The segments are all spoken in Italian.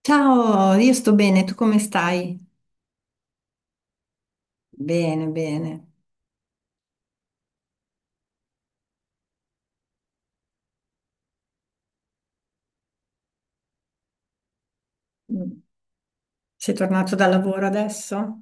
Ciao, io sto bene, tu come stai? Bene, bene. Mm. Sei tornato dal lavoro adesso?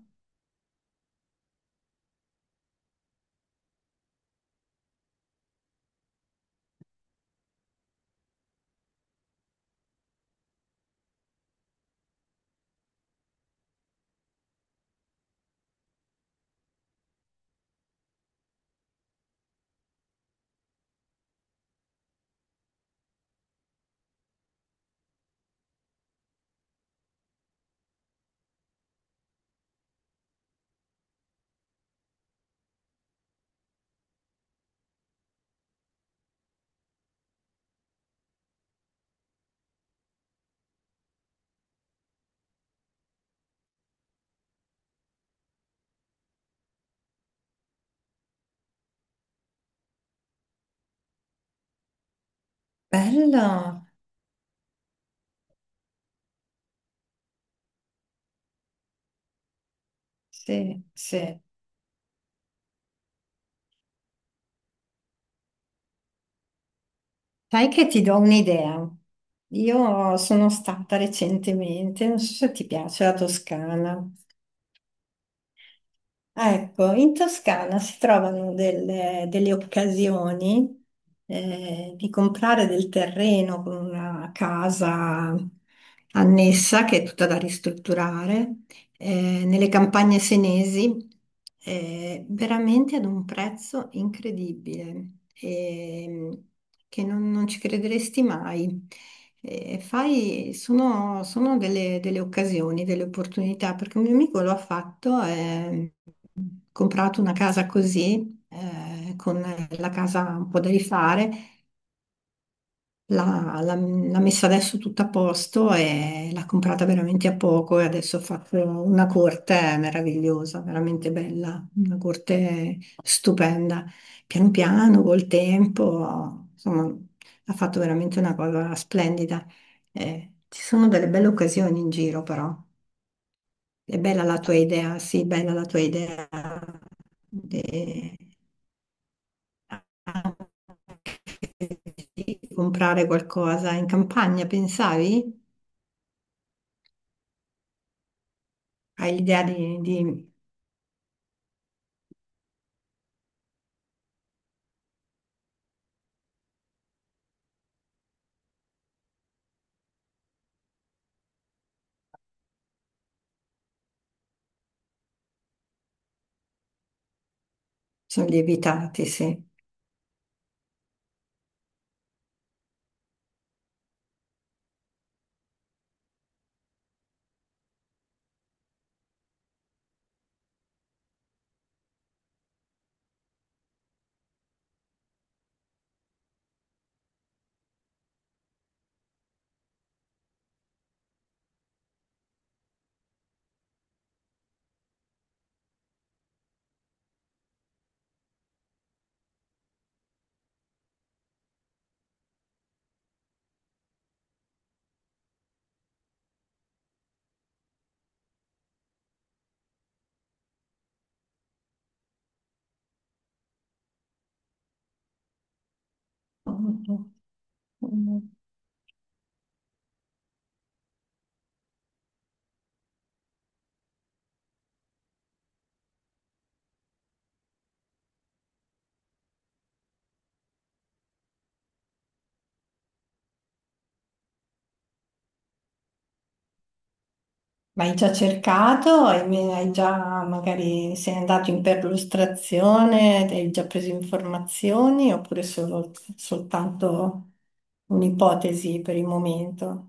Bello, sì, sì. Sai che ti do un'idea. Io sono stata recentemente, non so se ti piace la Toscana. Ah, ecco, in Toscana si trovano delle, delle occasioni di comprare del terreno con una casa annessa che è tutta da ristrutturare nelle campagne senesi, veramente ad un prezzo incredibile, ehm, che non, non ci crederesti mai. Sono, sono delle, delle occasioni, delle opportunità, perché un mio amico lo ha fatto, ha comprato una casa così, con la casa un po' da rifare. L'ha messa adesso tutta a posto e l'ha comprata veramente a poco e adesso ha fatto una corte meravigliosa, veramente bella, una corte stupenda. Piano piano, col tempo, insomma, ha fatto veramente una cosa splendida. Ci sono delle belle occasioni in giro, però. È bella la tua idea, sì, bella la tua idea. De- di comprare qualcosa in campagna, pensavi? Hai l'idea di... Sono lievitati, sì. Ma hai già cercato? Hai, hai già magari sei andato in perlustrazione, hai già preso informazioni oppure soltanto un'ipotesi per il momento?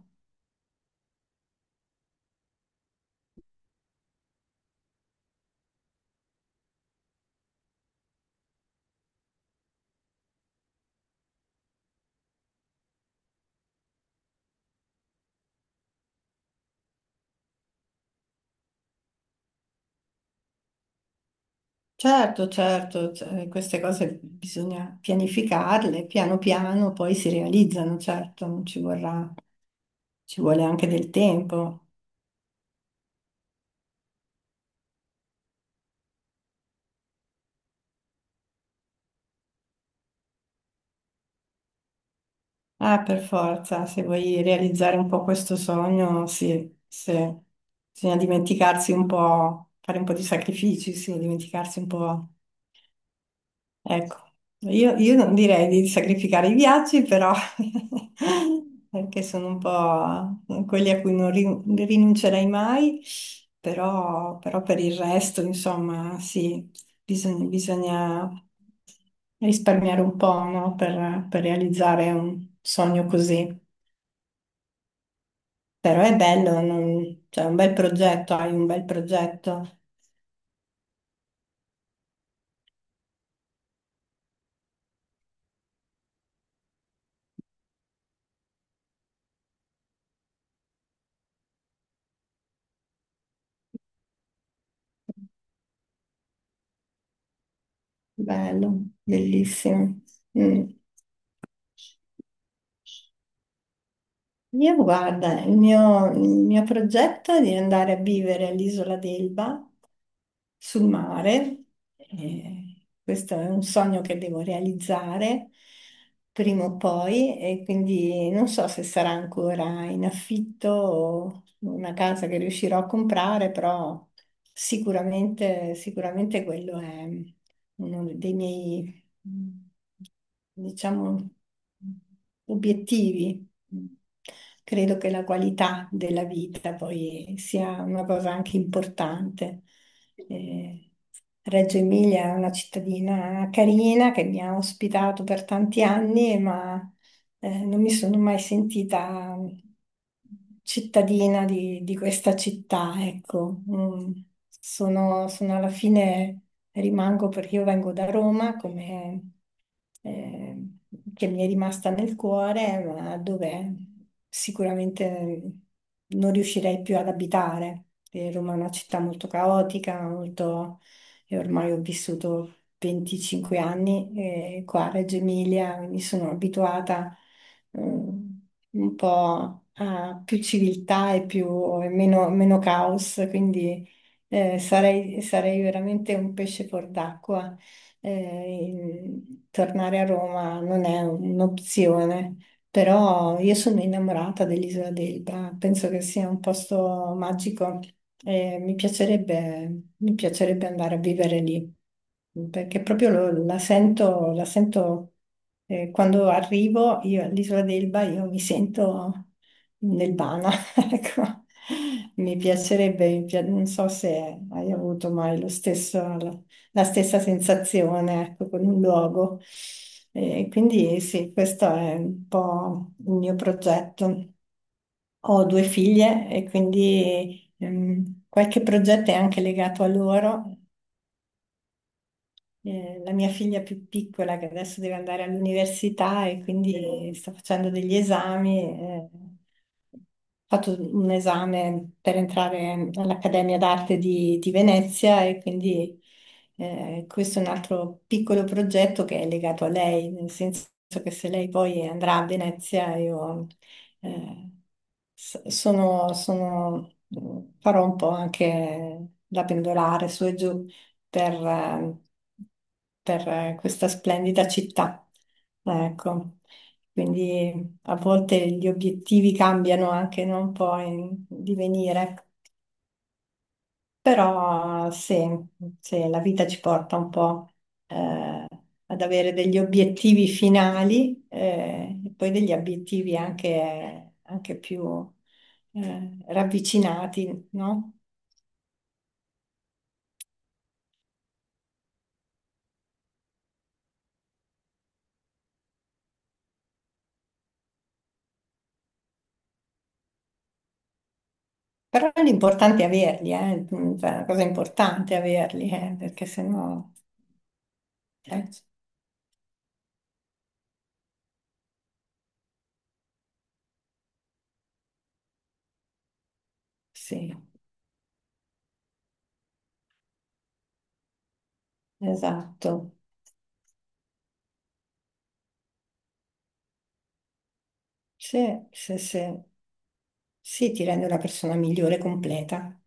Certo, certo, cioè, queste cose bisogna pianificarle, piano piano poi si realizzano, certo, non ci vorrà, ci vuole anche del tempo. Ah, per forza, se vuoi realizzare un po' questo sogno, sì, sì. Bisogna dimenticarsi un po', fare un po' di sacrifici, sì, dimenticarsi un po'. Ecco, io non direi di sacrificare i viaggi, però perché sono un po' quelli a cui non rinuncerei mai, però, però per il resto, insomma, sì, bisogna, bisogna risparmiare un po', no? Per realizzare un sogno così. Però è bello, non- cioè, è un bel progetto, hai un bel progetto, bello, bellissimo. Mm. Io guarda, il mio progetto è di andare a vivere all'isola d'Elba sul mare. Questo è un sogno che devo realizzare prima o poi e quindi non so se sarà ancora in affitto o una casa che riuscirò a comprare, però sicuramente, sicuramente quello è uno dei miei, diciamo, obiettivi. Credo che la qualità della vita poi sia una cosa anche importante. Eh, Reggio Emilia è una cittadina carina che mi ha ospitato per tanti anni, ma non mi sono mai sentita cittadina di questa città, ecco. Mm. Sono, sono alla fine rimango perché io vengo da Roma, come, eh, che mi è rimasta nel cuore, ma dove sicuramente non riuscirei più ad abitare. Roma è una città molto caotica, molto... e ormai ho vissuto 25 anni qua a Reggio Emilia, quindi sono abituata mm, un po' a più civiltà e più, e meno, meno caos, quindi sarei, sarei veramente un pesce fuor d'acqua. Eh, tornare a Roma non è un'opzione, però io sono innamorata dell'isola d'Elba, penso che sia un posto magico e mi piacerebbe andare a vivere lì, perché proprio la sento, quando arrivo io all'isola d'Elba, io mi sento nel ecco, mi piacerebbe, non so se hai avuto mai la stessa sensazione, ecco, con un luogo. E quindi sì, questo è un po' il mio progetto. Ho due figlie e quindi qualche progetto è anche legato a loro, la mia figlia più piccola che adesso deve andare all'università e quindi sta facendo degli esami. Ho fatto un esame per entrare all'Accademia d'Arte di Venezia e quindi questo è un altro piccolo progetto che è legato a lei, nel senso che se lei poi andrà a Venezia io eh, sono, farò un po' anche da pendolare su e giù per, eh, per, questa splendida città. Ecco, quindi a volte gli obiettivi cambiano anche, no? Un po' in divenire, però se, se la vita ci porta un po' eh, ad avere degli obiettivi finali, e poi degli obiettivi anche, anche più ravvicinati, no? Però l'importante è averli, eh. Mm, cioè, la cosa importante è averli, perché sennò... Eh, sì, esatto. Sì, sì, sì. Sì, ti rende una persona migliore, completa.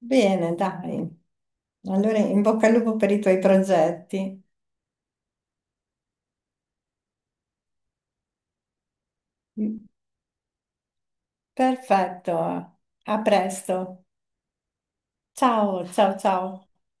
Bene, dai. Allora, in bocca al lupo per i tuoi progetti. Mm, perfetto. A presto. Ciao, ciao, ciao.